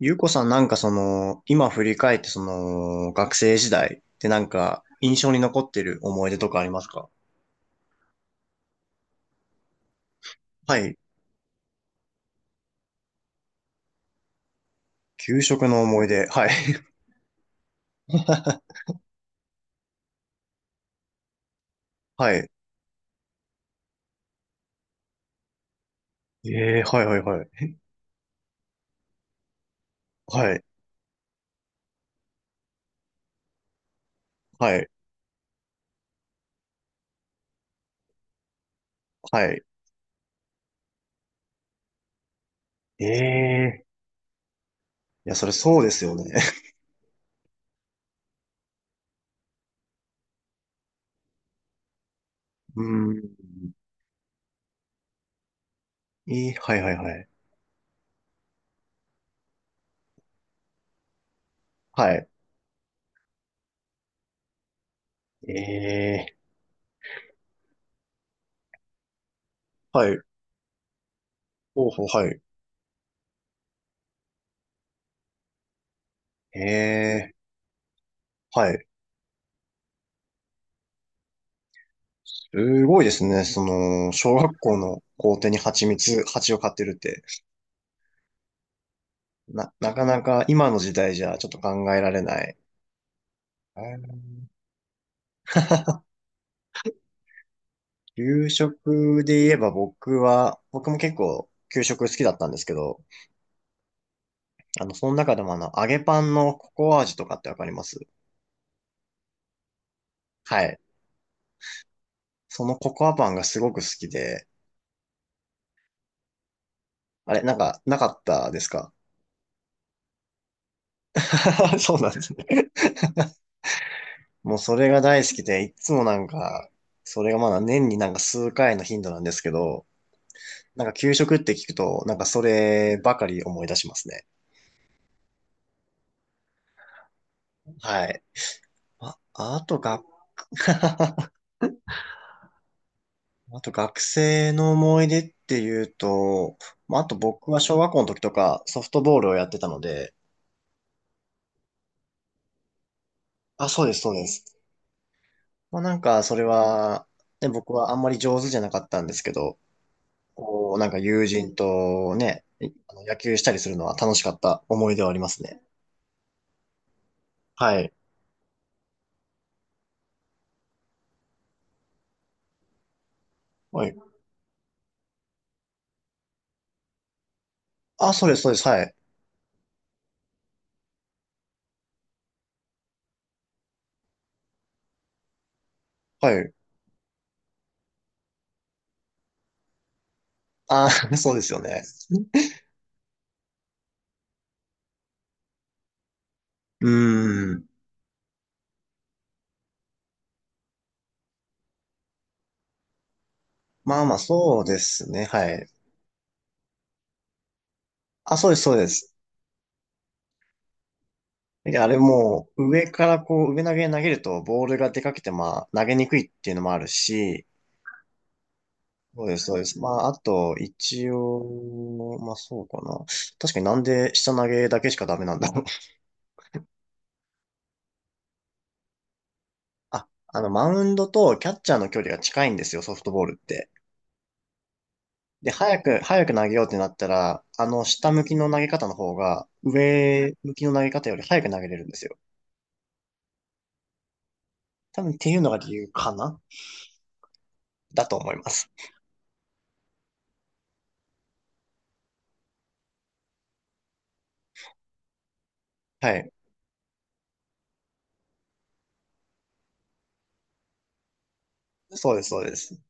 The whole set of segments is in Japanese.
ゆうこさん今振り返って学生時代ってなんか印象に残ってる思い出とかありますか？はい。給食の思い出。はい。はい。ええー、はいはいはい。はい。はい。はい。ええー。いや、それそうですよね。うーん。えー、はいはいはい。はい。ええー、はい。ほうほう、はい。ええー、はい。すごいですね。小学校の校庭に蜂蜜、蜂を飼ってるって。な、なかなか今の時代じゃちょっと考えられない。給食で言えば僕は、僕も結構給食好きだったんですけど、その中でも、揚げパンのココア味とかってわかりますはい。そのココアパンがすごく好きで、あれ、なかったですか？ そうなんですね。もうそれが大好きで、いつもそれがまだ年になんか数回の頻度なんですけど、なんか給食って聞くと、なんかそればかり思い出しますね。はい。あ、あとが、あと学生の思い出っていうと、まあ、あと僕は小学校の時とかソフトボールをやってたので、あ、そうです、そうです。まあ、なんかそれは、ね、僕はあんまり上手じゃなかったんですけど、こう、なんか友人とね、野球したりするのは楽しかった思い出はありますね。はい。はい。あ、そうです、そうです、はい。はい。あ、そうですよね。うーん。まあまあ、そうですね、はい。あ、そうです、そうです。いや、あれもう、上からこう、上投げに投げると、ボールが出かけて、まあ、投げにくいっていうのもあるし、そうです、そうです。まあ、あと、一応、まあ、そうかな。確かになんで下投げだけしかダメなんだろう。あ、マウンドとキャッチャーの距離が近いんですよ、ソフトボールって。で、早く、早く投げようってなったら、下向きの投げ方の方が、上向きの投げ方より早く投げれるんですよ。多分っていうのが理由かな、だと思います。はい。そうです、そうです。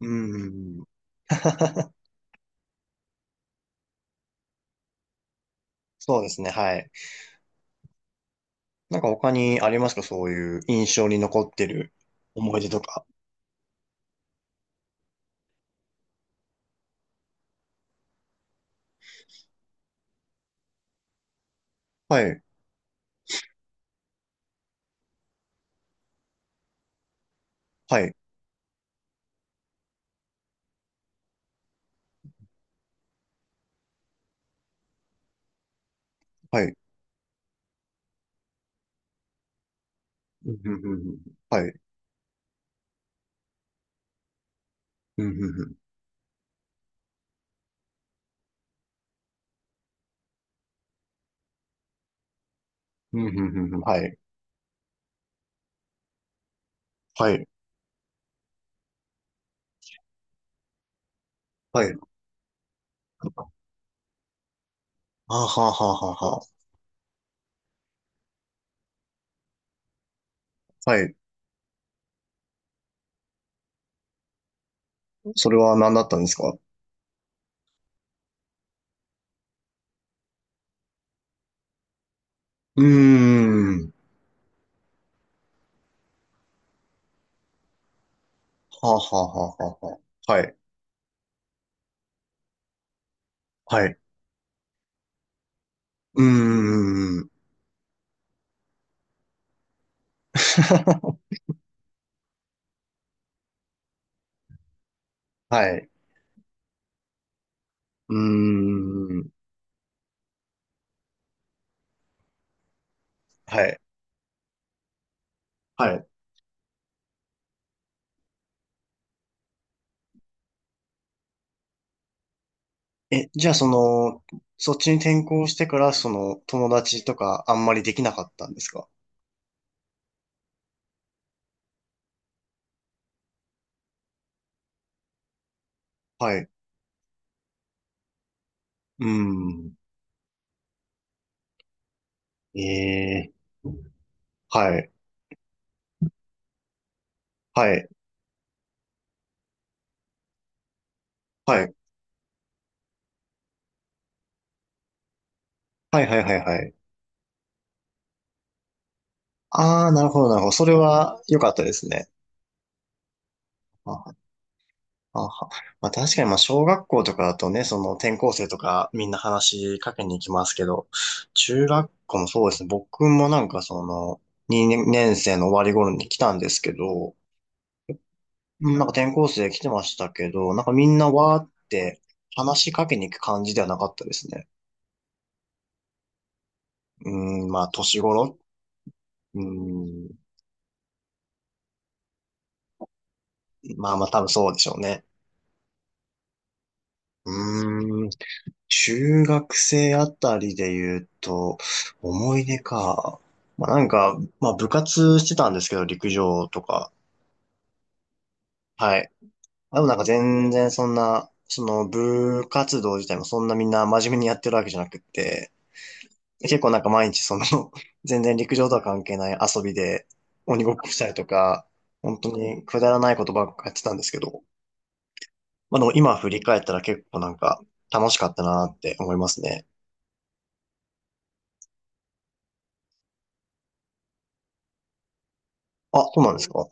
うん。そうですね、はい。なんか他にありますか、そういう印象に残ってる思い出とか。はい、はい、はい。うんうんうんうん、はい。うんうんうんうんうんうんうん、はい、はい、はい。あははははは、はい。それは何だったんですか？うーん。ははははは、はい、はい。うーん。はい。うーん。はい。はい。え、じゃあその、そっちに転校してから、その、友達とかあんまりできなかったんですか？はい。うん。ええ。はい。はい。はい。はいはいはいはい。ああ、なるほどなるほど。それは良かったですね。あは、あは。まあ確かにまあ小学校とかだとね、その転校生とかみんな話しかけに行きますけど、中学校もそうですね。僕もなんかその、2年生の終わり頃に来たんですけど、うん、なんか転校生来てましたけど、なんかみんなわーって話しかけに行く感じではなかったですね。うん、まあ年頃、うん、まあまあ多分そうでしょうね。うーん、中学生あたりで言うと、思い出か。まあなんか、まあ部活してたんですけど、陸上とか。はい。でもなんか全然そんな、その部活動自体もそんなみんな真面目にやってるわけじゃなくって、結構なんか毎日その、全然陸上とは関係ない遊びで鬼ごっこしたりとか、本当にくだらないことばっかやってたんですけど、まあでも今振り返ったら結構なんか楽しかったなって思いますね。あ、そうなんですか。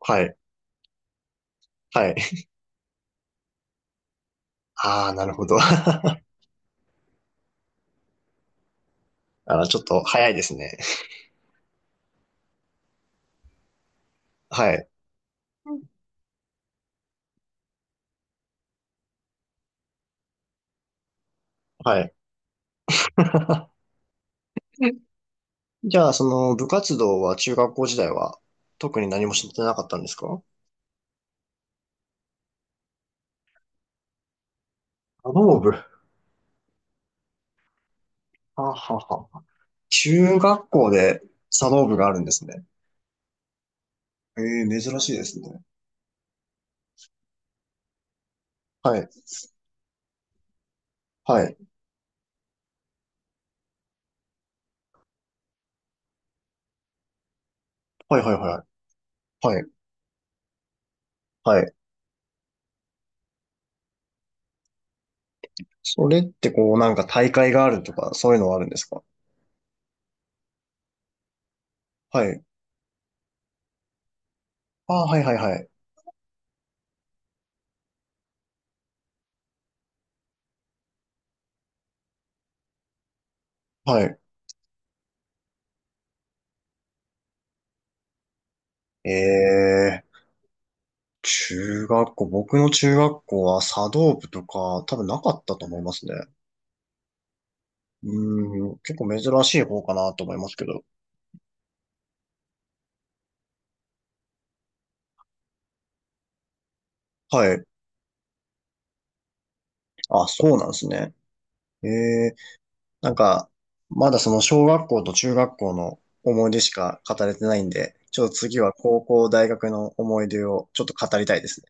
はい、はい。ああ、なるほど。あー、ちょっと早いですね。はい、はい。じゃあ、その部活動は中学校時代は特に何もしてなかったんですか？茶道部。はあはあはあ、中学校で茶道部があるんですね。ええ、珍しいですね。はい。はい。はいはいはいはい。はい。はい。それってこう、なんか大会があるとか、そういうのはあるんですか？はい。ああ、はいはいはい。はい。ええ、中学校、僕の中学校は茶道部とか、多分なかったと思いますね。うーん、結構珍しい方かなと思いますけど。はい。あ、そうなんですね。ええ、なんか、まだその小学校と中学校の思い出しか語れてないんで、ちょっと次は高校、大学の思い出をちょっと語りたいですね。